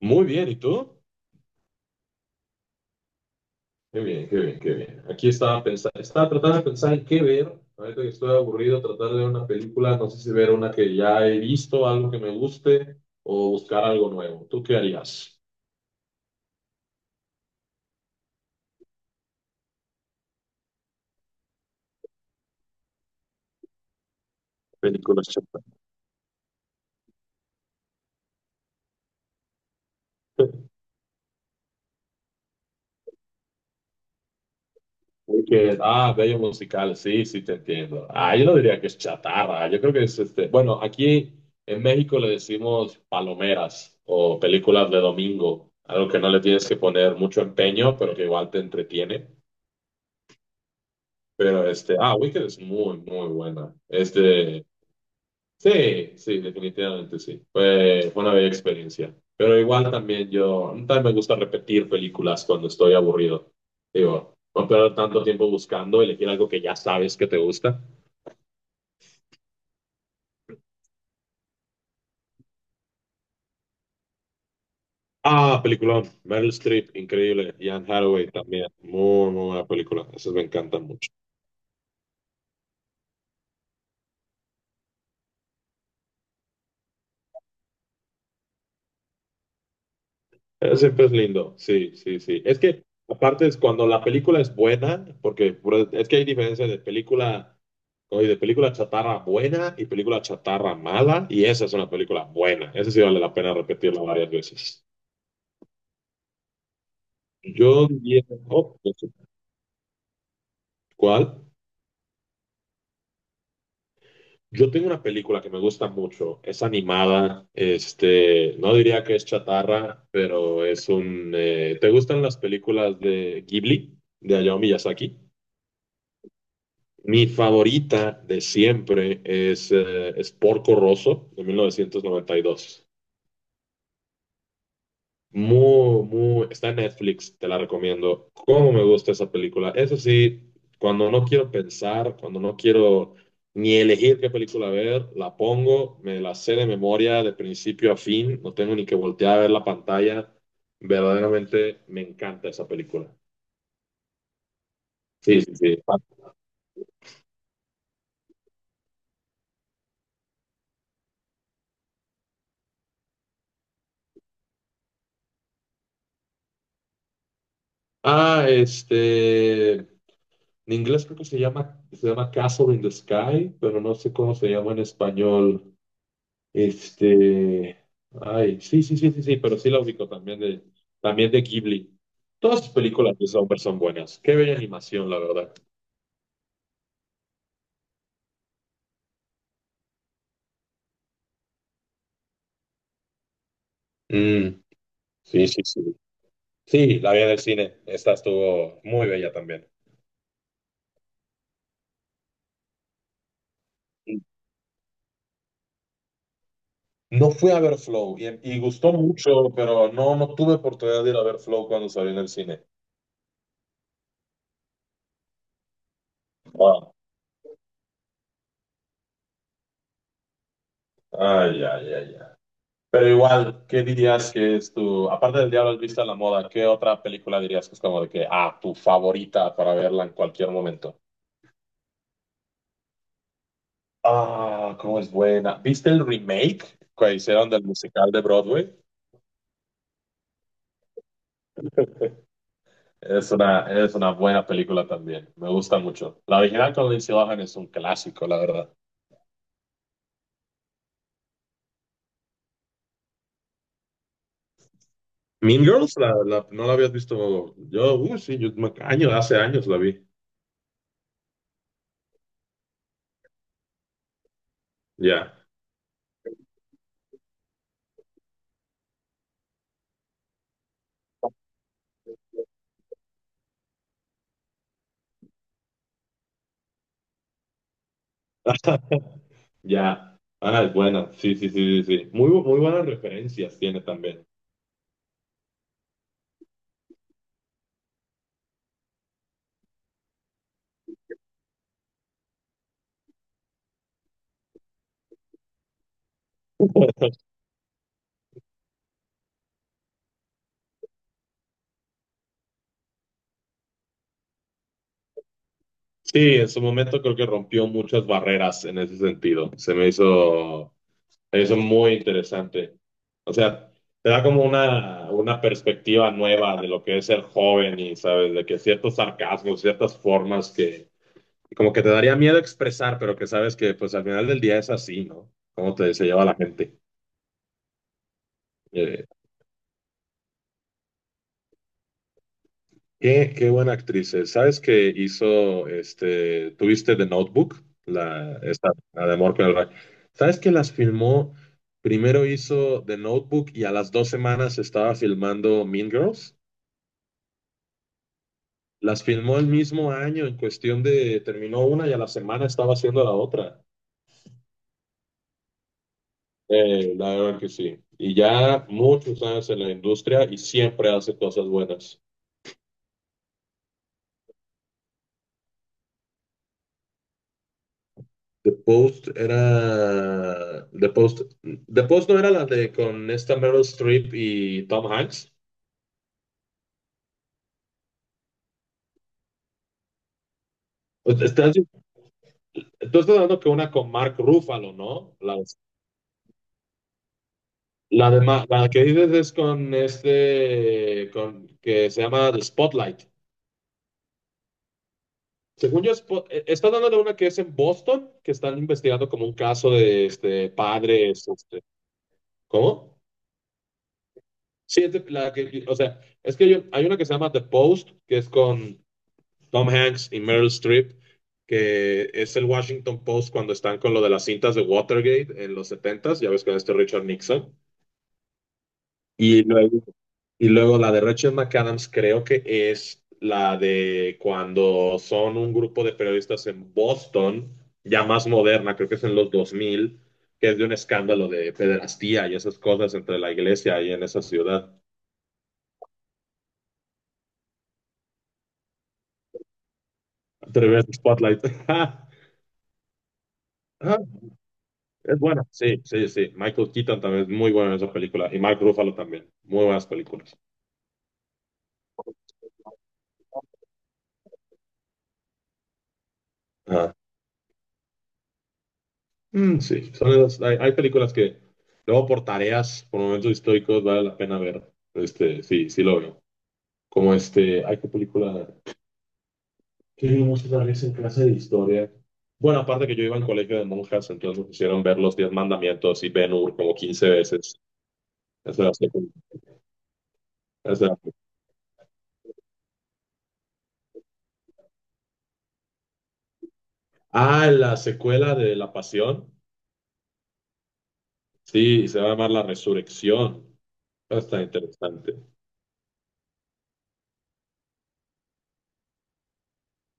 Muy bien, ¿y tú? Qué bien, qué bien, qué bien. Aquí estaba pensando, estaba tratando de pensar en qué ver. Ahorita que estoy aburrido, tratar de ver una película, no sé si ver una que ya he visto, algo que me guste, o buscar algo nuevo. ¿Tú qué harías? Películas chatarra. Y que, ah, bello musical, sí, sí, te entiendo. Ah, yo no diría que es chatarra, yo creo que es. Bueno, aquí en México le decimos palomeras o películas de domingo, algo que no le tienes que poner mucho empeño, pero que igual te entretiene. Pero Wicked es muy, muy buena. Sí, sí, definitivamente sí. Fue una bella experiencia. Pero igual también yo, también me gusta repetir películas cuando estoy aburrido. Digo, no perder tanto tiempo buscando, elegir algo que ya sabes que te gusta. Ah, peliculón. Meryl Streep, increíble. Ian Hathaway también. Muy, muy buena película. Esas me encantan mucho. Siempre es lindo, sí, sí, sí. Es que aparte es cuando la película es buena, es que hay diferencia de película, oye, de película chatarra buena y película chatarra mala, y esa es una película buena. Esa sí vale la pena repetirla varias veces. Yo diría, oh, no sé, ¿cuál? Yo tengo una película que me gusta mucho, es animada, no diría que es chatarra, pero ¿te gustan las películas de Ghibli, de Hayao Miyazaki? Mi favorita de siempre es Porco Rosso de 1992. Muy, muy, está en Netflix, te la recomiendo. Cómo me gusta esa película. Eso sí, cuando no quiero pensar, cuando no quiero ni elegir qué película ver, la pongo, me la sé de memoria de principio a fin, no tengo ni que voltear a ver la pantalla. Verdaderamente me encanta esa película. Sí, sí, sí. Ah, este, En inglés creo que se llama, Castle in the Sky, pero no sé cómo se llama en español. Este, Ay, sí, sí, sí, sí, sí, pero sí la ubico también de Ghibli. Todas sus películas de Sommer son buenas. Qué bella animación, la verdad. Mm, sí, sí, sí. Sí, la vi en el cine. Esta estuvo muy bella también. No fui a ver Flow y gustó mucho, pero no tuve oportunidad de ir a ver Flow cuando salió en el cine. Wow. Ay, ay, ay, ay. Pero igual, ¿qué dirías que es tu, aparte del Diablo has visto a la moda, ¿qué otra película dirías que es como de que, tu favorita para verla en cualquier momento? Ah, cómo es buena. ¿Viste el remake que hicieron del musical de Broadway? Es una buena película también, me gusta mucho. La original con Lindsay Lohan es un clásico, la verdad. Mean Girls, no la habías visto. Sí, hace años la vi. Ya. Ya. Ah, es buena. Sí, sí, sí, sí, sí. Muy buenas referencias tiene también. Sí, en su momento creo que rompió muchas barreras en ese sentido. Se me hizo eso muy interesante. O sea, te da como una perspectiva nueva de lo que es ser joven y, sabes, de que ciertos sarcasmos, ciertas formas que como que te daría miedo expresar, pero que sabes que pues al final del día es así, ¿no? Cómo te, se lleva la gente. Eh, qué buena actriz es. ¿Sabes que hizo, tuviste The Notebook, la de Amor con el Rayo? ¿Sabes que las filmó? Primero hizo The Notebook y a las 2 semanas estaba filmando Mean Girls. Las filmó el mismo año, en cuestión de terminó una y a la semana estaba haciendo la otra. La verdad que sí. Y ya muchos años en la industria y siempre hace cosas buenas. The Post era. The Post. The Post no era la de con esta Meryl Streep y Tom Hanks. Estás, tú estás hablando que una con Mark Ruffalo, ¿no? La que dices es con este. Con, que se llama The Spotlight. Según yo, estás dando de una que es en Boston, que están investigando como un caso de padres. ¿Cómo? Sí, es de- la que. O sea, es que yo- hay una que se llama The Post, que es con. Tom Hanks y Meryl Streep, que es el Washington Post cuando están con lo de las cintas de Watergate en los setentas. Ya ves con este Richard Nixon. Y luego, y luego la de Rachel McAdams creo que es la de cuando son un grupo de periodistas en Boston, ya más moderna, creo que es en los 2000, que es de un escándalo de pederastía y esas cosas entre la iglesia y en esa ciudad. Atreves Spotlight. ah, Es buena. Sí, sí, sí. Michael Keaton también es muy bueno en esa película. Y Mark Ruffalo también. Muy buenas películas. Ah. Mm, sí, son hay películas que luego por tareas, por momentos históricos, vale la pena ver. Sí, sí lo veo. Como hay que película que vimos una vez en clase de historia. Bueno, aparte que yo iba en colegio de monjas, entonces nos hicieron ver los Diez Mandamientos y Ben-Hur como 15 veces. Esa era la secu- esa era la- Ah, la secuela de La Pasión. Sí, se va a llamar La Resurrección. Está interesante.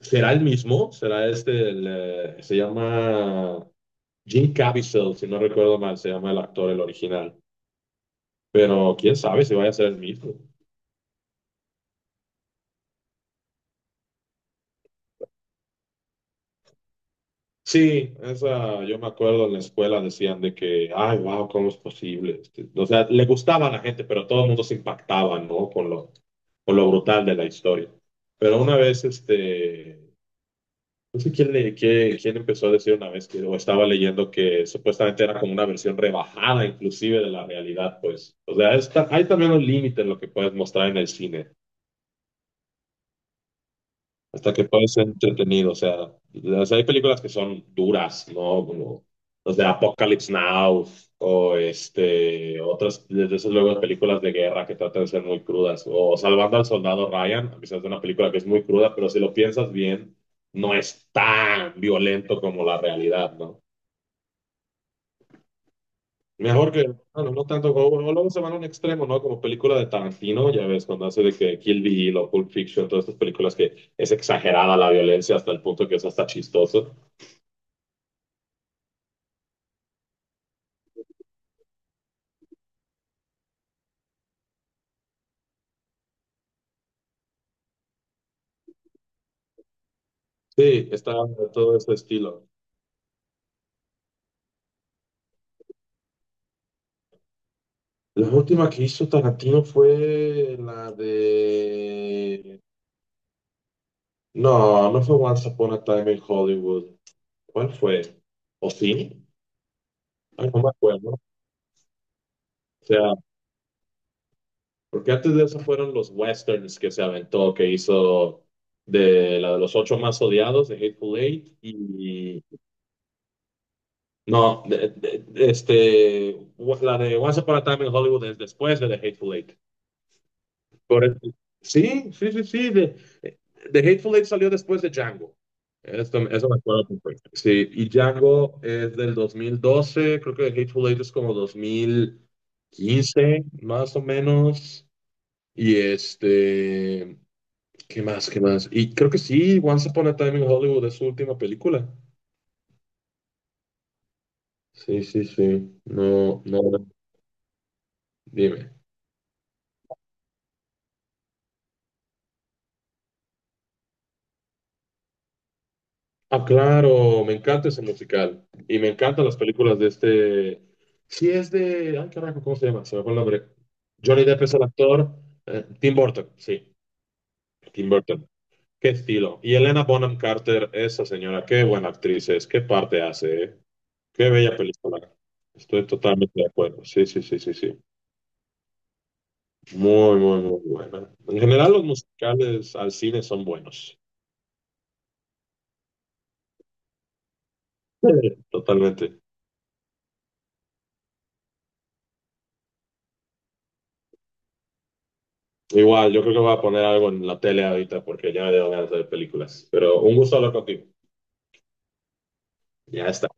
¿Será el mismo? ¿Será se llama Jim Caviezel, si no recuerdo mal, se llama el actor, el original. Pero quién sabe si vaya a ser el mismo. Sí, esa, yo me acuerdo en la escuela decían de que, ay, wow, ¿cómo es posible? O sea, le gustaba a la gente, pero todo el mundo se impactaba, ¿no? Con lo brutal de la historia. Pero una vez, no sé quién, quién empezó a decir una vez que, o estaba leyendo que supuestamente era como una versión rebajada inclusive de la realidad, pues. O sea, hay también un límite en lo que puedes mostrar en el cine, hasta que puedes ser entretenido. O sea, hay películas que son duras, ¿no? Como los de Apocalypse Now, o otras, desde esas luego películas de guerra que tratan de ser muy crudas. O Salvando al Soldado Ryan, a pesar de una película que es muy cruda, pero si lo piensas bien, no es tan violento como la realidad, ¿no? Mejor que, bueno, no tanto como, o luego se van a un extremo, ¿no? Como película de Tarantino, ya ves, cuando hace de que Kill Bill o Pulp Fiction, todas estas películas que es exagerada la violencia hasta el punto que es hasta chistoso. Sí, está de todo ese estilo. La última que hizo Tarantino fue la de... No, no fue Once Upon a Time in Hollywood. ¿Cuál fue? ¿O sí? Ay, no me acuerdo. O sea, porque antes de eso fueron los westerns que se aventó, que hizo de la de los ocho más odiados, de Hateful Eight, y no, la de Once Upon a Time in Hollywood es después de The Hateful Eight. Correcto. Sí, sí, sí, sí, de, The Hateful Eight salió después de Django. Esto, eso me acuerdo perfecto. Sí, y Django es del 2012. Creo que The Hateful Eight es como 2015 más o menos. Y ¿qué más? ¿Qué más? Y creo que sí, Once Upon a Time in Hollywood es su última película. Sí, sí, sí. No, no, no. Dime. Ah, claro, me encanta ese musical. Y me encantan las películas de este. Sí, es de. Ay, carajo, ¿cómo se llama? Se me fue el nombre. Johnny Depp es el actor. Tim Burton, sí, Tim Burton. Qué estilo. Y Elena Bonham Carter, esa señora, qué buena actriz es, qué parte hace, ¿eh? Qué bella película. Estoy totalmente de acuerdo. Sí, sí, sí, sí, sí. Muy, muy, muy buena. En general, los musicales al cine son buenos. Sí, totalmente. Igual, yo creo que voy a poner algo en la tele ahorita porque ya me dieron ganas de ver películas. Pero un gusto hablar contigo. Ya está.